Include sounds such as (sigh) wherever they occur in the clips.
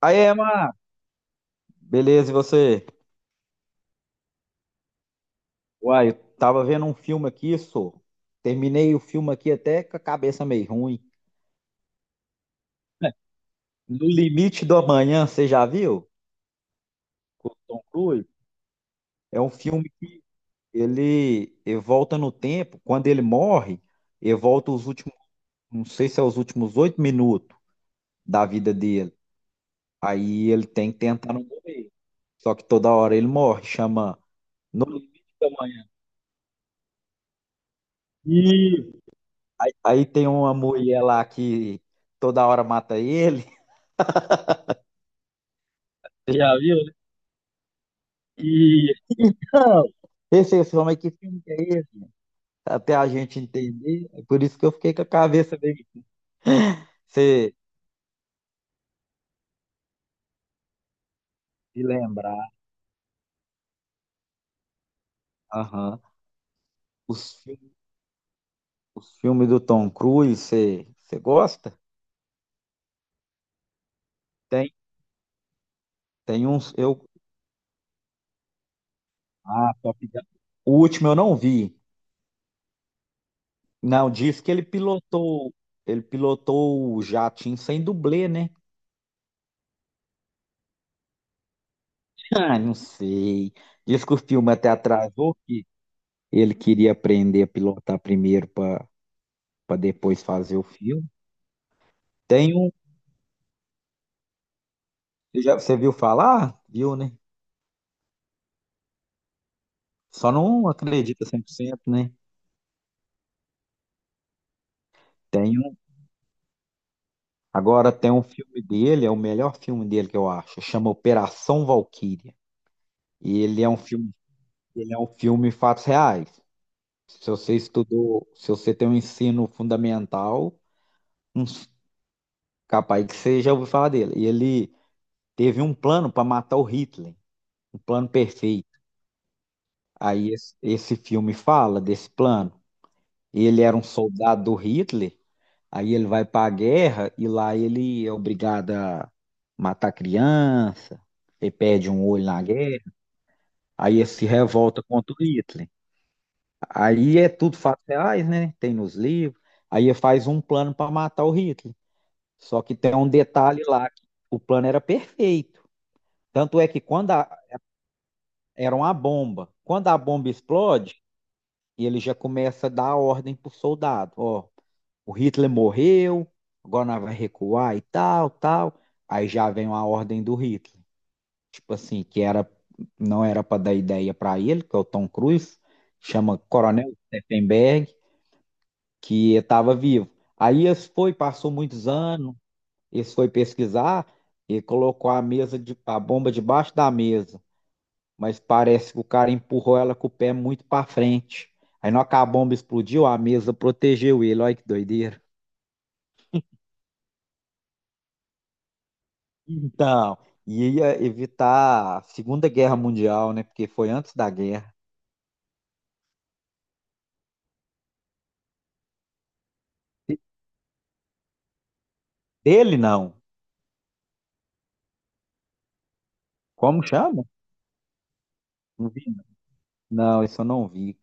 Aí, Emma, beleza, e você? Uai, eu tava vendo um filme aqui, só. Terminei o filme aqui até com a cabeça meio ruim. No Limite do Amanhã, você já viu? Com o Tom Cruise. É um filme que ele volta no tempo. Quando ele morre, ele volta os últimos, não sei se é os últimos 8 minutos da vida dele. Aí ele tem que tentar não morrer. Só que toda hora ele morre, chama No Limite do Amanhã. Aí tem uma mulher lá que toda hora mata ele. (laughs) Já viu? Né? E não. Esse homem, que filme que é esse? Até a gente entender. É por isso que eu fiquei com a cabeça meio. Você se lembrar. Aham. Os, fi- os filmes do Tom Cruise, você gosta? Tem. Tem uns. Eu, ah, Top Gun. O último eu não vi. Não, diz que ele pilotou. Ele pilotou o jatinho sem dublê, né? Ah, não sei. Diz que o filme até atrasou, ele queria aprender a pilotar primeiro para depois fazer o filme. Tem um, você viu falar? Viu, né? Só não acredita 100%, né? Tem um, agora tem um filme dele, é o melhor filme dele que eu acho, chama Operação Valquíria. E ele é um filme, ele é um filme em fatos reais. Se você estudou, se você tem um ensino fundamental, hum, capaz que você já ouviu falar dele. E ele teve um plano para matar o Hitler, um plano perfeito. Aí esse filme fala desse plano. Ele era um soldado do Hitler, aí ele vai para a guerra e lá ele é obrigado a matar criança, ele perde um olho na guerra, aí ele se revolta contra o Hitler. Aí é tudo fatos reais, né? Tem nos livros. Aí ele faz um plano para matar o Hitler. Só que tem um detalhe lá, que o plano era perfeito. Tanto é que era uma bomba, quando a bomba explode, ele já começa a dar ordem pro soldado, ó, o Hitler morreu, agora nós vai recuar e tal, tal. Aí já vem uma ordem do Hitler, tipo assim, que era não era para dar ideia para ele, que é o Tom Cruise, chama Coronel Steffenberg, que estava vivo. Aí eles foi, passou muitos anos, eles foi pesquisar e colocou a a bomba debaixo da mesa, mas parece que o cara empurrou ela com o pé muito para frente. Aí na hora que a bomba explodiu, a mesa protegeu ele. Olha que doideira. Então, ia evitar a Segunda Guerra Mundial, né? Porque foi antes da guerra. Dele, não. Como chama? Não vi, né? Não, isso eu não vi.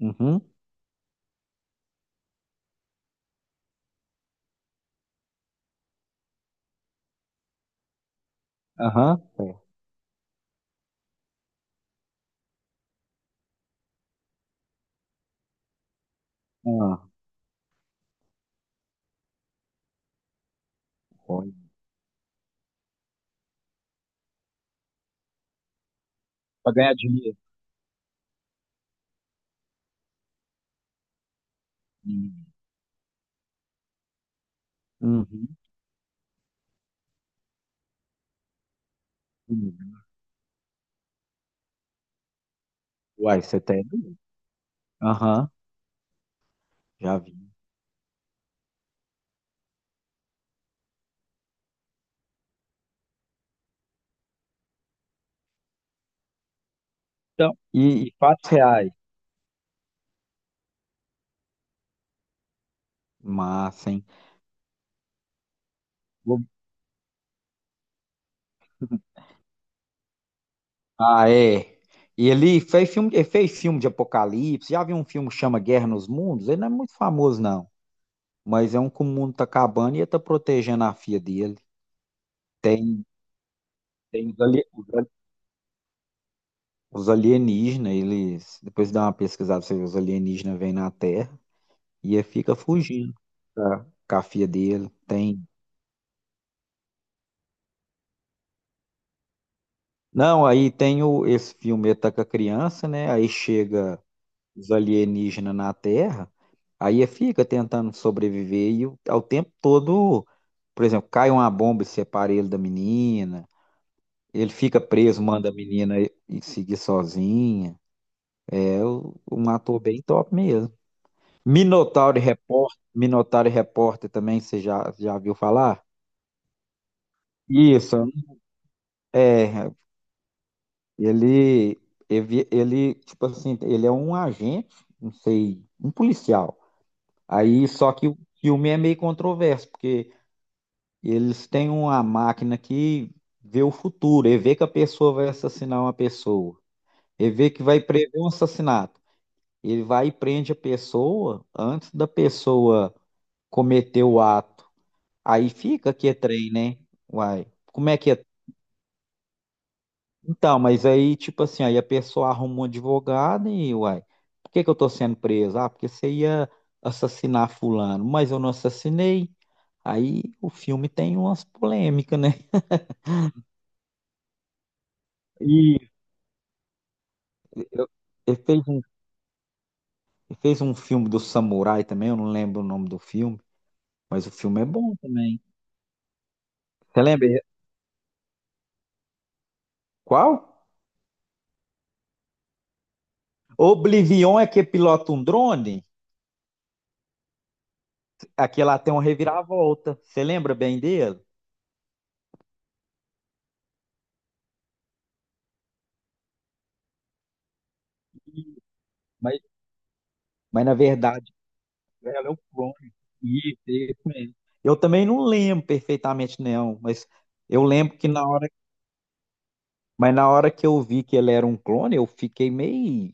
Uhum. Aham, é. Ah, foi. Pra ganhar dinheiro. Uhum, uhum. Uai, você tem? Aham, já vi. Então, e fatos reais. Massa, hein? Vou- ah, é. E ele fez filme de apocalipse. Já viu um filme que chama Guerra nos Mundos? Ele não é muito famoso, não. Mas é um que o mundo tá acabando e ele tá protegendo a filha dele. Tem, tem os ali- os ali- os alienígenas, eles. Depois dá uma pesquisada, você vê, os alienígenas vêm na Terra e ele fica fugindo, tá, com a filha dele. Tem. Não, aí tem o, esse filme, ele tá com a criança, né? Aí chega os alienígenas na Terra, aí ele fica tentando sobreviver e ao tempo todo, por exemplo, cai uma bomba e separa ele da menina. Ele fica preso, manda a menina e seguir sozinha. É um ator bem top mesmo. Minotauro Repórter, Minotauro Repórter também, já viu falar? Isso, é, ele, ele, tipo assim, ele é um agente, não sei, um policial. Aí, só que o filme é meio controverso, porque eles têm uma máquina que vê o futuro, e vê que a pessoa vai assassinar uma pessoa, e vê que vai prever um assassinato. Ele vai e prende a pessoa antes da pessoa cometer o ato. Aí fica que é trem, né? Uai, como é que é? Então, mas aí, tipo assim, aí a pessoa arruma um advogado e, uai, por que que eu tô sendo preso? Ah, porque você ia assassinar fulano, mas eu não assassinei. Aí o filme tem umas polêmicas, né? (laughs) E eu- ele fez um, ele fez um filme do Samurai também, eu não lembro o nome do filme, mas o filme é bom também. Você lembra? Qual? Oblivion é que pilota um drone, aqui ela tem uma reviravolta. Você lembra bem dele? Mas, mas na verdade, ela é um clone. Isso mesmo. Eu também não lembro perfeitamente, não, mas eu lembro que na hora, mas na hora que eu vi que ele era um clone, eu fiquei meio,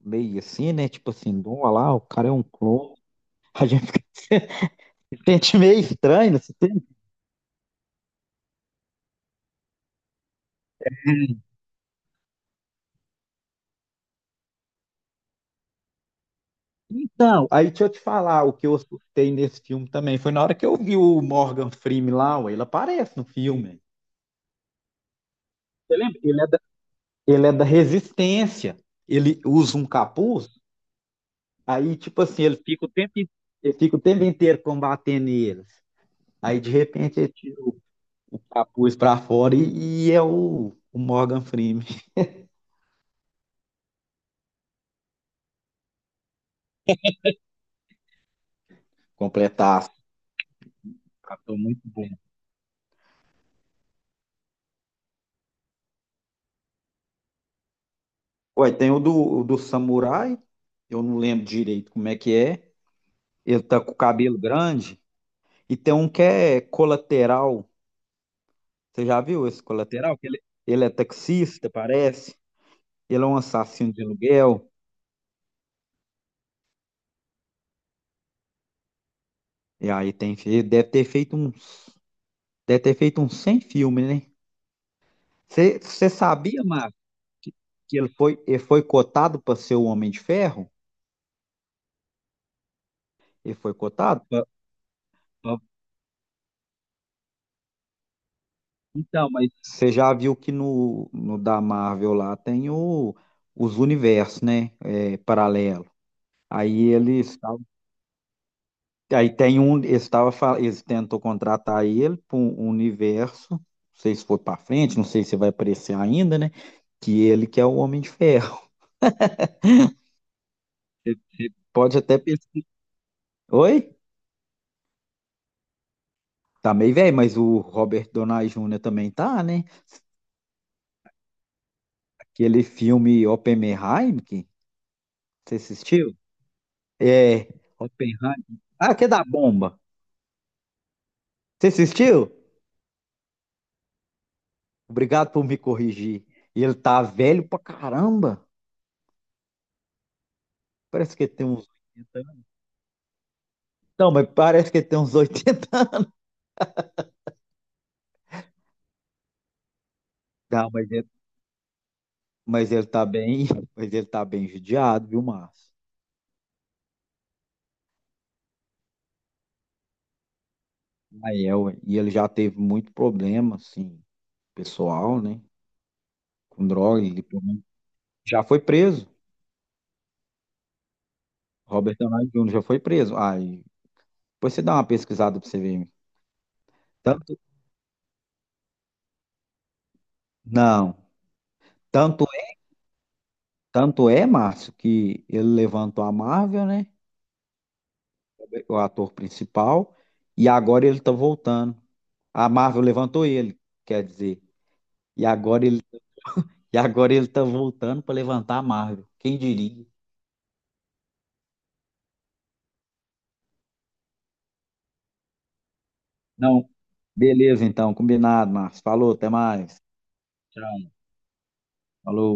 meio assim, né? Tipo assim, olha lá, o cara é um clone. (laughs) A gente fica- (laughs) sente meio estranho, não se Então, aí deixa eu te falar, o que eu assustei nesse filme também foi na hora que eu vi o Morgan Freeman lá, ué, ele aparece no filme. Você lembra? Ele é da Resistência. Ele usa um capuz, aí tipo assim, ele fica o tempo inteiro combatendo eles. Aí de repente ele tira o capuz pra fora e é o Morgan Freeman completar. Captou muito bem. Ué, tem o do Samurai, eu não lembro direito como é que é. Ele tá com o cabelo grande. E tem um que é colateral. Você já viu esse colateral? Que ele é taxista, parece. Ele é um assassino de aluguel. E aí tem, ele deve ter feito um, deve ter feito uns 100 filmes, né? Você sabia, Marcos, que, que ele foi cotado para ser o Homem de Ferro? Ele foi cotado? Pra- Então, mas você já viu que no da Marvel lá tem o, os universos, né? É, paralelo. Aí eles aí tem um, eles tentou contratar ele para um universo, não sei se foi para frente, não sei se vai aparecer ainda, né? Que ele que é o Homem de Ferro. Você pode até pensar. Oi? Tá meio velho, mas o Robert Downey Jr. também tá, né? Aquele filme Oppenheimer, que você assistiu? É, Oppenheimer. Ah, que é da bomba. Você assistiu? Obrigado por me corrigir. E ele tá velho pra caramba. Parece que ele tem uns não, mas parece que ele tem uns 80 anos. Não, mas ele tá bem, (laughs) mas ele tá bem judiado, viu, Márcio? Aí é, ué, e ele já teve muito problema, assim, pessoal, né? Com droga, ele pelo menos, já foi preso. Robert Downey Jr. já foi preso. Aí, depois você dá uma pesquisada pra você ver. Tanto, não, tanto, tanto é, Márcio, que ele levantou a Marvel, né? O ator principal, e agora ele tá voltando. A Marvel levantou ele, quer dizer. E agora ele E agora ele tá voltando para levantar a Marvel. Quem diria? Não, beleza então, combinado, Marcos. Falou, até mais. Tchau. Falou.